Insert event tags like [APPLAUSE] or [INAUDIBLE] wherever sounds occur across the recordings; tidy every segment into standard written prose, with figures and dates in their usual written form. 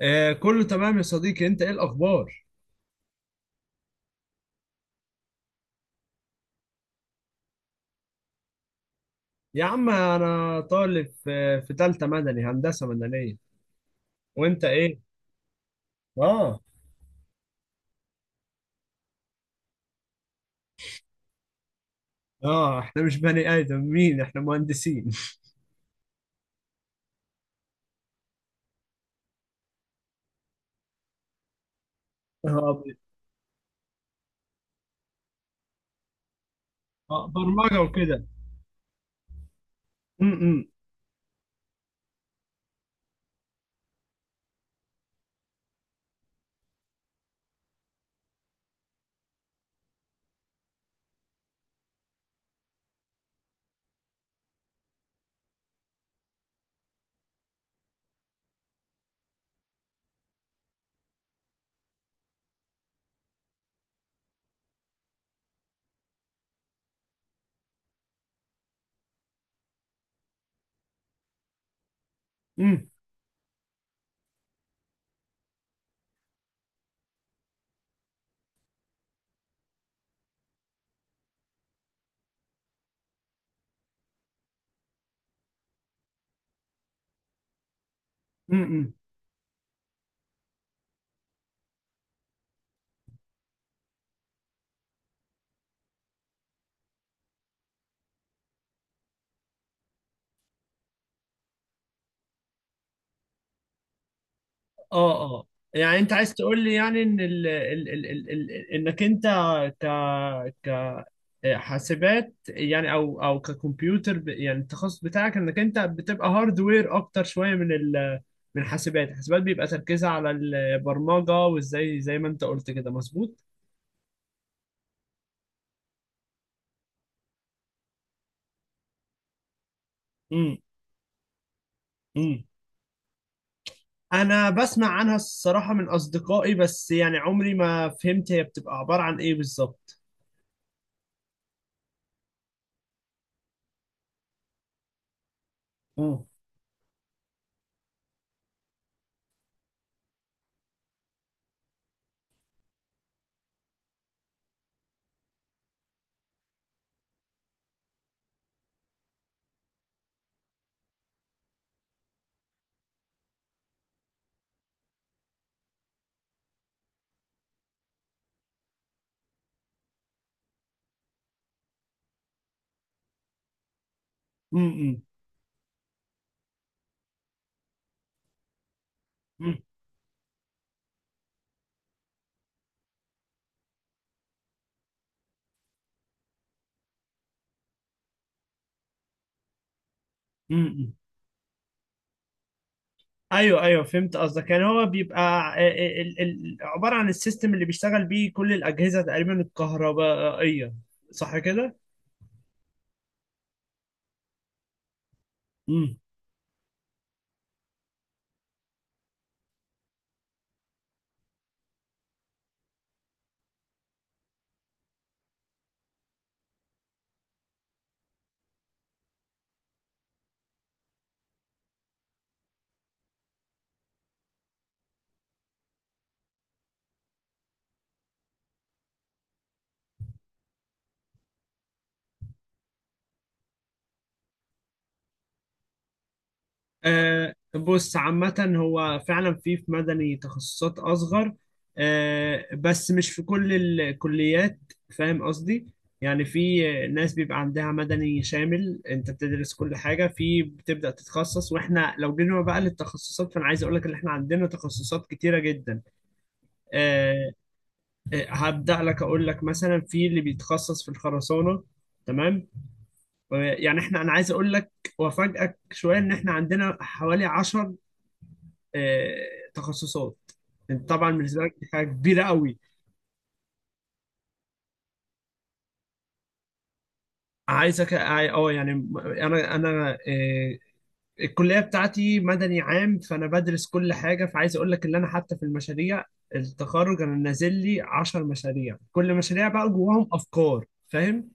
آه، كله تمام يا صديقي. انت ايه الاخبار؟ يا عم انا طالب في تالتة مدني، هندسة مدنية. وانت ايه؟ اه. اه احنا مش بني ادمين، احنا مهندسين [LAUGHS] اه. برمجة وكده. امم امم امم اه. اه يعني انت عايز تقول لي يعني ان ال ال ال ال ال انك انت ك حاسبات يعني او ككمبيوتر يعني التخصص بتاعك انك انت بتبقى هاردوير اكتر شويه من ال، من حاسبات. حاسبات بيبقى تركيزها على البرمجه وازاي، زي ما انت قلت كده مظبوط. امم امم. انا بسمع عنها الصراحه من اصدقائي، بس يعني عمري ما فهمت هي بتبقى عباره عن ايه بالظبط. اه. امم امم. ايوه ايوه فهمت قصدك. يعني هو بيبقى عباره عن السيستم اللي بيشتغل بيه كل الاجهزه تقريبا الكهربائيه، صح كده؟ امم. آه بص، عامه هو فعلا في في مدني تخصصات اصغر، آه بس مش في كل الكليات، فاهم قصدي؟ يعني في ناس بيبقى عندها مدني شامل، انت بتدرس كل حاجه في بتبدا تتخصص. واحنا لو جينا بقى للتخصصات، فانا عايز اقول لك ان احنا عندنا تخصصات كتيره جدا. آه، هبدأ لك أقول لك مثلا في اللي بيتخصص في الخرسانة، تمام. يعني احنا، أنا عايز أقول لك وأفاجئك شوية إن احنا عندنا حوالي 10 آه، تخصصات. انت طبعا بالنسبة لك دي حاجة كبيرة قوي. عايزك اه، يعني أنا الكلية بتاعتي مدني عام، فأنا بدرس كل حاجة. فعايز أقول لك إن أنا حتى في المشاريع التخرج أنا نازل لي 10 مشاريع، كل مشاريع بقى جواهم أفكار، فاهم؟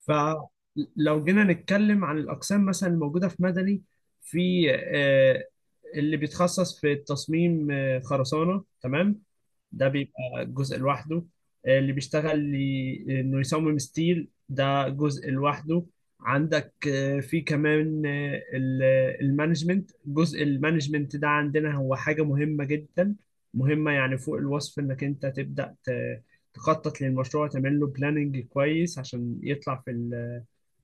فلو جينا نتكلم عن الأقسام مثلا الموجودة في مدني، في آه، اللي بيتخصص في التصميم خرسانة، تمام، ده بيبقى جزء لوحده. اللي بيشتغل إنه يصمم ستيل، ده جزء لوحده. عندك في كمان المانجمنت، جزء المانجمنت ده عندنا هو حاجة مهمة جدا، مهمة يعني فوق الوصف. إنك أنت تبدأ تخطط للمشروع، تعمل له بلاننج كويس عشان يطلع في،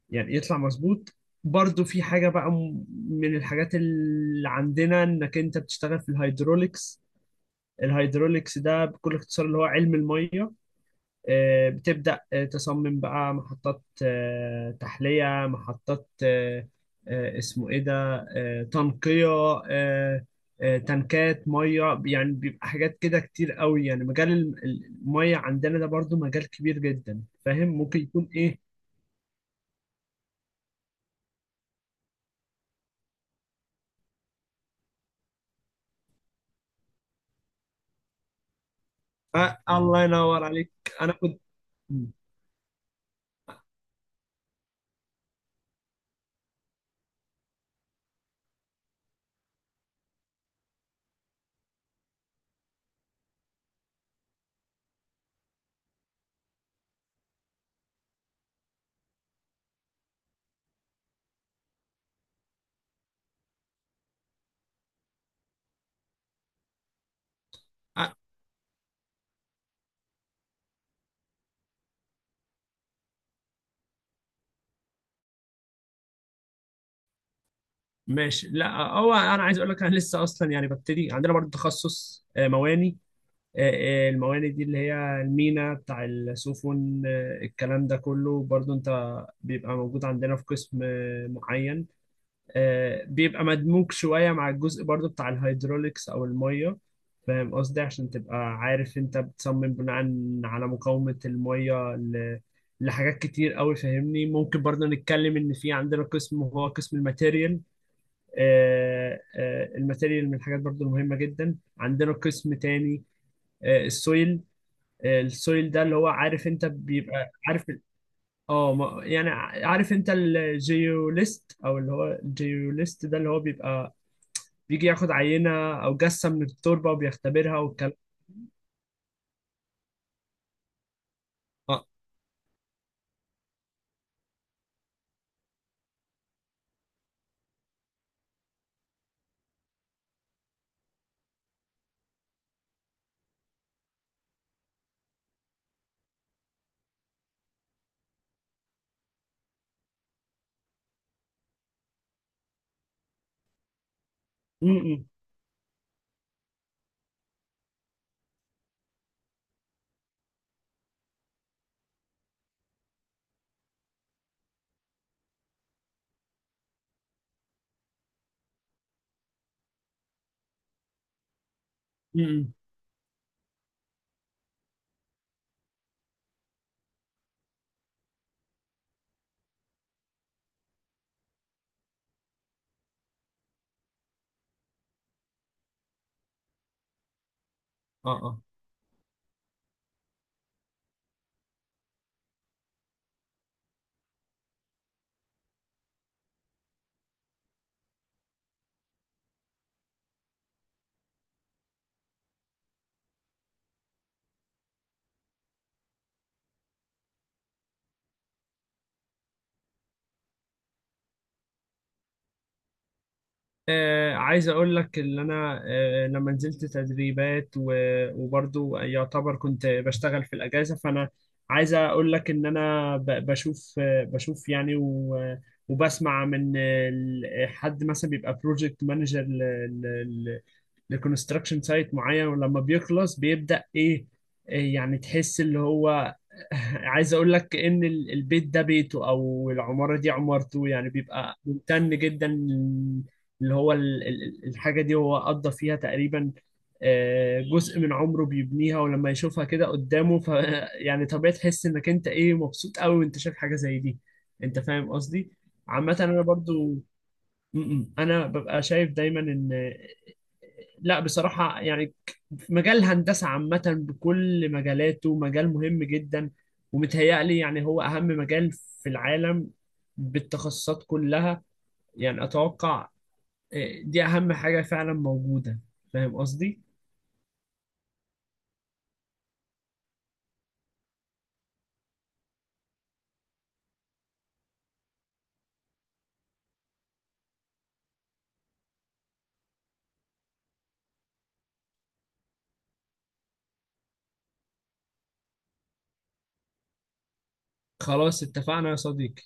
يعني يطلع مظبوط. برضو في حاجة بقى من الحاجات اللي عندنا انك انت بتشتغل في الهيدروليكس. الهيدروليكس ده بكل اختصار اللي هو علم المية. بتبدأ تصمم بقى محطات تحلية، محطات اسمه ايه ده، تنقية، آه، تنكات مية. يعني بيبقى حاجات كده كتير قوي. يعني مجال المية عندنا ده برضو مجال كبير جدا، فاهم ممكن يكون ايه. الله ينور عليك. انا كنت مم. آه، ماشي. لا هو انا عايز اقول لك، انا لسه اصلا يعني ببتدي. عندنا برضه تخصص مواني. آه، المواني دي اللي هي المينا بتاع السفن الكلام ده كله برضه، انت بيبقى موجود عندنا في قسم معين. بيبقى مدموج شوية مع الجزء برضه بتاع الهيدروليكس او المية، فاهم قصدي؟ عشان تبقى عارف انت بتصمم بناء على مقاومة المية لحاجات كتير قوي، فاهمني؟ ممكن برضه نتكلم ان في عندنا قسم، هو قسم الماتيريال. الماتيريال من الحاجات برضو المهمة جدا. عندنا قسم تاني السويل. السويل ده اللي هو، عارف انت، بيبقى عارف اه يعني عارف انت الجيوليست، او اللي هو الجيوليست ده اللي هو بيبقى بيجي ياخد عينة او جثة من التربة وبيختبرها والكلام. اه. م- م- م. اه عايز اقول لك ان انا لما نزلت تدريبات، وبرضو يعتبر كنت بشتغل في الاجازه، فانا عايز اقول لك ان انا بشوف بشوف يعني وبسمع من حد مثلا بيبقى بروجكت مانجر لكونستراكشن سايت معين، ولما بيخلص بيبدأ ايه؟ إيه يعني؟ تحس اللي هو [LAUGHS] عايز اقول لك ان البيت ده بيته، او العمارة دي عمارته، يعني بيبقى ممتن جدا. اللي هو الحاجة دي هو قضى فيها تقريبا جزء من عمره بيبنيها، ولما يشوفها كده قدامه ف [LAUGHS] يعني طبيعي تحس انك انت ايه، مبسوط قوي وانت شايف حاجة زي دي. انت فاهم قصدي؟ عامة انا برضو، م. انا ببقى شايف دايما ان، لا بصراحة يعني مجال الهندسة عامة بكل مجالاته مجال مهم جدا، ومتهيألي يعني هو أهم مجال في العالم بالتخصصات كلها. يعني أتوقع دي أهم حاجة فعلا موجودة، فاهم قصدي؟ خلاص اتفقنا يا صديقي.